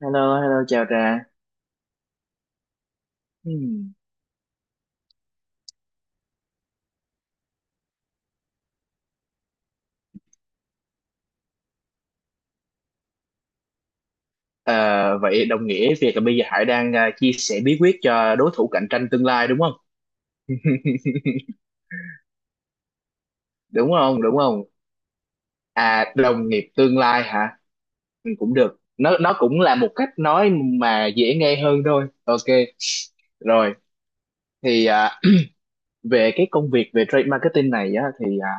Hello, hello, chào Trà. Hmm. Ờ, Vậy đồng nghĩa việc là bây giờ Hải đang chia sẻ bí quyết cho đối thủ cạnh tranh tương lai đúng không? Đúng không? Đúng không? À, đồng nghiệp tương lai hả? Ừ, cũng được. Nó cũng là một cách nói mà dễ nghe hơn thôi. Ok. Rồi, thì à, về cái công việc về trade marketing này á thì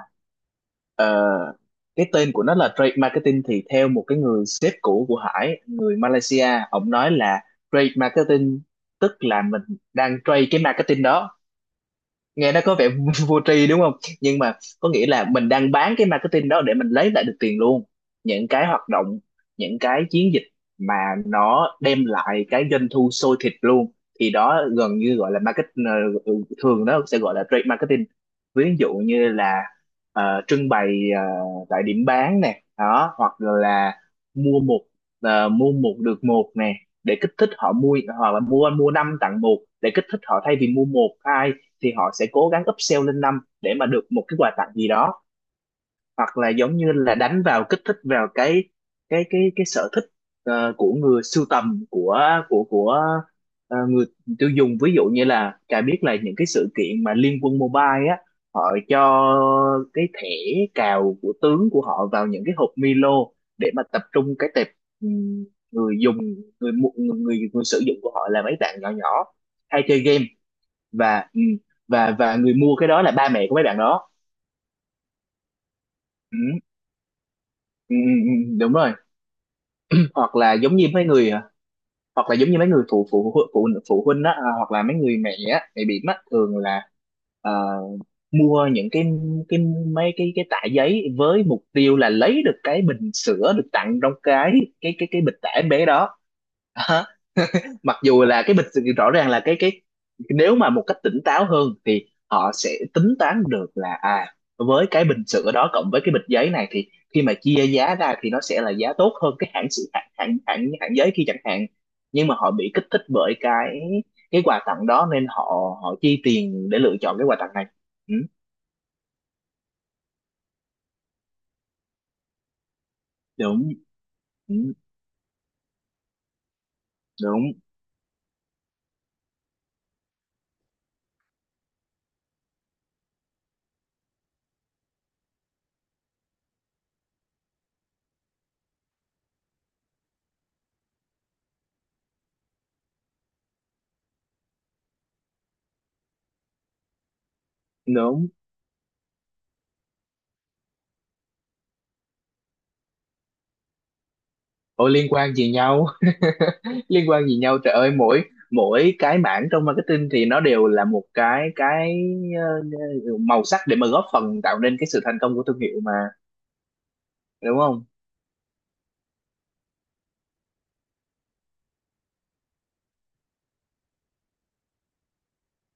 Ờ, cái tên của nó là trade marketing thì theo một cái người sếp cũ của Hải người Malaysia, ông nói là trade marketing tức là mình đang trade cái marketing đó, nghe nó có vẻ vô tri đúng không, nhưng mà có nghĩa là mình đang bán cái marketing đó để mình lấy lại được tiền luôn. Những cái hoạt động, những cái chiến dịch mà nó đem lại cái doanh thu sôi thịt luôn thì đó gần như gọi là ờ, thường nó sẽ gọi là trade marketing. Ví dụ như là trưng bày ờ, tại điểm bán nè đó, hoặc là mua một mua một được một nè để kích thích họ mua, hoặc là mua mua năm tặng một để kích thích họ, thay vì mua một hai thì họ sẽ cố gắng upsell lên năm để mà được một cái quà tặng gì đó, hoặc là giống như là đánh vào kích thích vào cái cái sở thích của người sưu tầm, của người tiêu dùng. Ví dụ như là Trà biết là những cái sự kiện mà Liên Quân Mobile á, họ cho cái thẻ cào của tướng của họ vào những cái hộp Milo để mà tập trung cái tệp ừm, người dùng, người mu- người người, người sử dụng của họ là mấy bạn nhỏ nhỏ hay chơi game, và và người mua cái đó là ba mẹ của mấy bạn đó. ừ, ừ, đúng rồi. Hoặc là giống như mấy người, hoặc là giống như mấy người phụ phụ phụ phụ, phụ huynh á, à, hoặc là mấy người mẹ á, mẹ bị á, thường là ờ, mua những cái mấy cái tã giấy với mục tiêu là lấy được cái bình sữa được tặng trong cái bịch tã em bé đó. Mặc dù là cái bịch rõ ràng là cái nếu mà một cách tỉnh táo hơn thì họ sẽ tính toán được là à, với cái bình sữa đó cộng với cái bịch giấy này thì khi mà chia giá ra thì nó sẽ là giá tốt hơn cái hãng sữa, hãng giấy kia chẳng hạn. Nhưng mà họ bị kích thích bởi cái quà tặng đó nên họ họ chi tiền để lựa chọn cái quà tặng này. Ừ, đúng. Ừ, đúng đúng. Ôi liên quan gì nhau, liên quan gì nhau trời ơi, mỗi mỗi cái mảng trong marketing thì nó đều là một ờ, màu sắc để mà góp phần tạo nên cái sự thành công của thương hiệu mà, đúng không?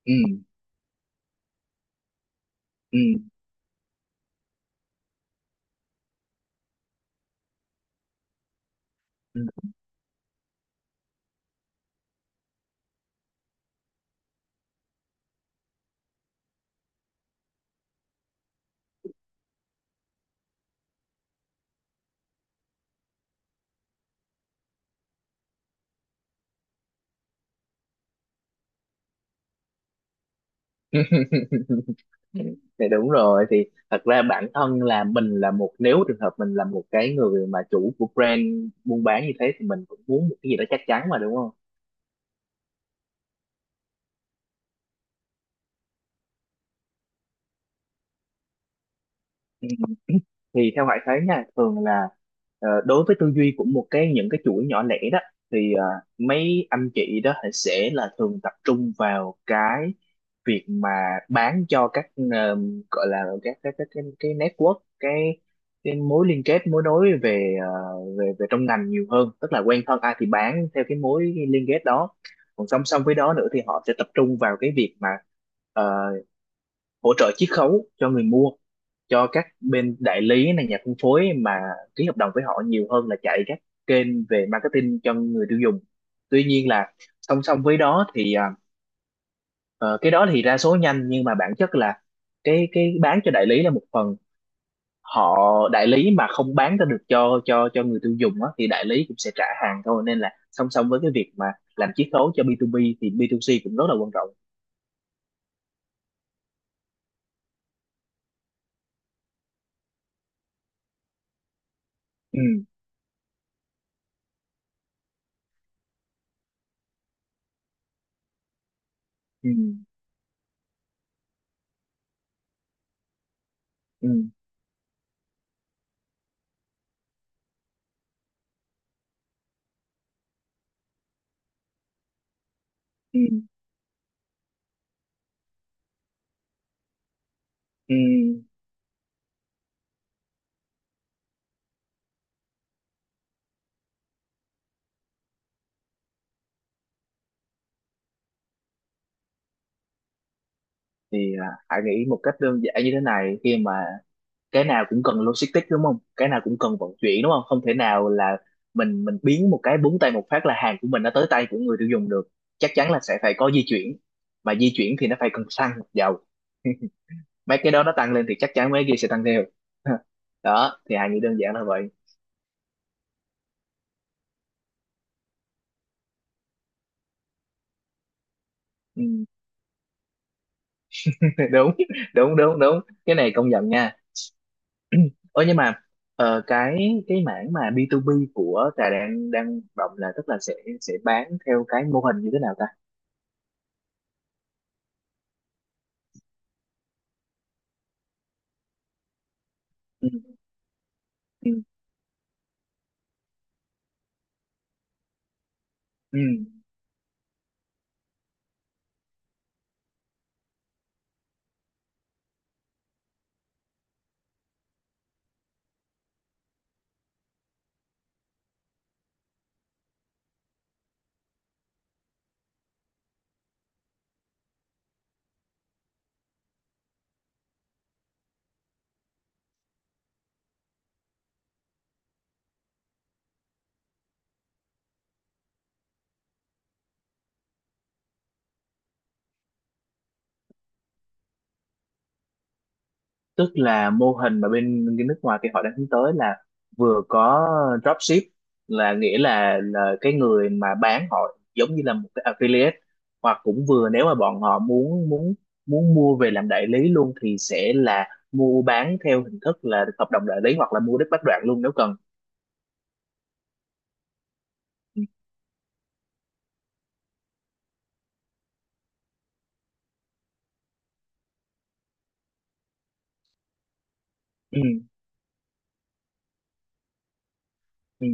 Ừ, ừ, ừ. Thì đúng rồi, thì thật ra bản thân là mình là một, nếu trường hợp mình là một cái người mà chủ của brand buôn bán như thế thì mình cũng muốn một cái gì đó chắc chắn mà, đúng không? Ừ. Thì theo Hải thấy nha, thường là đối với tư duy của một cái những cái chuỗi nhỏ lẻ đó thì mấy anh chị đó thì sẽ là thường tập trung vào cái việc mà bán cho các, ờ, gọi là cái network, cái mối liên kết, mối nối về về về trong ngành nhiều hơn, tức là quen thân ai thì bán theo cái mối liên kết đó. Còn song song với đó nữa thì họ sẽ tập trung vào cái việc mà ờ, hỗ trợ chiết khấu cho người mua, cho các bên đại lý này, nhà phân phối mà ký hợp đồng với họ nhiều hơn là chạy các kênh về marketing cho người tiêu dùng. Tuy nhiên là song song với đó thì cái đó thì ra số nhanh, nhưng mà bản chất là cái bán cho đại lý là một phần, họ đại lý mà không bán ra được cho người tiêu dùng á, thì đại lý cũng sẽ trả hàng thôi. Nên là song song với cái việc mà làm chiết khấu cho B2B thì B2C cũng rất là quan trọng. ừ ừ ừ ừ ừ thì à, hãy nghĩ một cách đơn giản như thế này, khi mà cái nào cũng cần logistics đúng không, cái nào cũng cần vận chuyển đúng không, không thể nào là mình biến một cái búng tay một phát là hàng của mình nó tới tay của người tiêu dùng được. Chắc chắn là sẽ phải có di chuyển, mà di chuyển thì nó phải cần xăng dầu. Mấy cái đó nó tăng lên thì chắc chắn mấy cái kia sẽ tăng theo. Đó, thì hãy nghĩ đơn giản là vậy. Ừ. Đúng, đúng đúng đúng, cái này công nhận nha. Ơ nhưng mà ờ, cái cái mảng mà B2B của Trà đang đang hoạt động là, tức là sẽ bán theo cái mô hình như thế nào ta? Ừ. Ừ. Ừ, tức là mô hình mà bên cái nước ngoài kia họ đang hướng tới là vừa có dropship, là nghĩa là cái người mà bán họ giống như là một cái affiliate, hoặc cũng vừa nếu mà bọn họ muốn muốn muốn mua về làm đại lý luôn thì sẽ là mua bán theo hình thức là hợp đồng đại lý, hoặc là mua đứt bách đoạn luôn nếu cần. Ừ ừ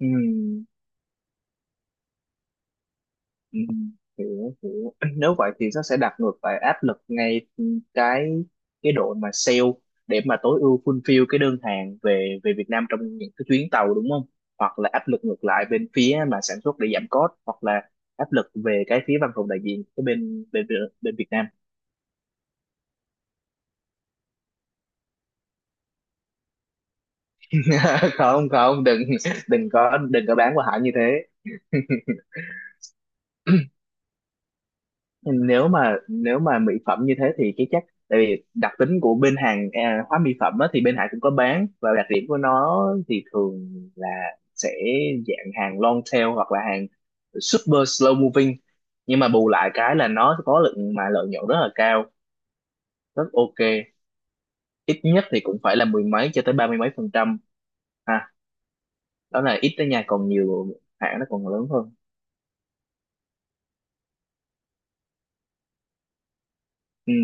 ừ. Ừ, hiểu, hiểu. Nếu vậy thì nó sẽ đặt ngược lại áp lực ngay cái cái đội mà sale để mà tối ưu fulfill cái đơn hàng về về Việt Nam trong những cái chuyến tàu đúng không, hoặc là áp lực ngược lại bên phía mà sản xuất để giảm cost, hoặc là áp lực về cái phía văn phòng đại diện cái bên bên bên Việt Nam. Không không, đừng, đừng có bán qua hãng như thế. Nếu mà mỹ phẩm như thế thì cái chắc tại vì đặc tính của bên hàng à, hóa mỹ phẩm á, thì bên Hải cũng có bán. Và đặc điểm của nó thì thường là sẽ dạng hàng long tail hoặc là hàng super slow moving, nhưng mà bù lại cái là nó có lượng mà lợi nhuận rất là cao, rất ok. Ít nhất thì cũng phải là mười mấy cho tới ba mươi mấy phần trăm ha. Đó là ít đó nha, còn nhiều hãng nó còn lớn hơn. Ừ.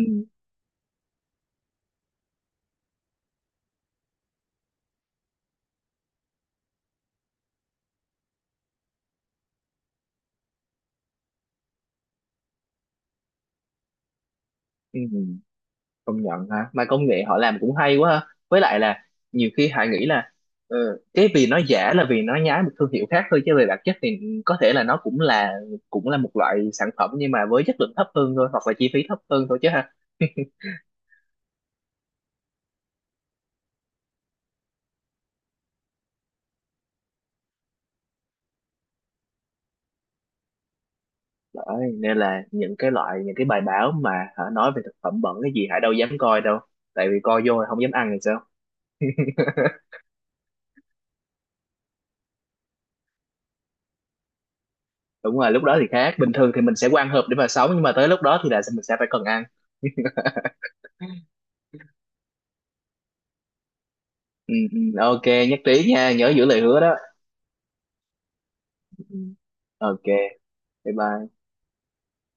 Ừ. Ừ, công nhận ha, mà công nghệ họ làm cũng hay quá ha, với lại là nhiều khi Hải nghĩ là ờ, cái vì nó giả là vì nó nhái một thương hiệu khác thôi, chứ về bản chất thì có thể là nó cũng là một loại sản phẩm nhưng mà với chất lượng thấp hơn thôi, hoặc là chi phí thấp hơn thôi chứ ha. Đấy, nên là những cái loại, những cái bài báo mà hả, nói về thực phẩm bẩn cái gì Hải đâu dám coi đâu, tại vì coi vô là không dám ăn thì sao. Đúng rồi, lúc đó thì khác, bình thường thì mình sẽ quan hợp để mà sống, nhưng mà tới lúc đó thì là mình sẽ phải cần ăn. Ừ, ừ, ok, nhất trí nha, nhớ giữ lời hứa đó. Ok. Bye bye.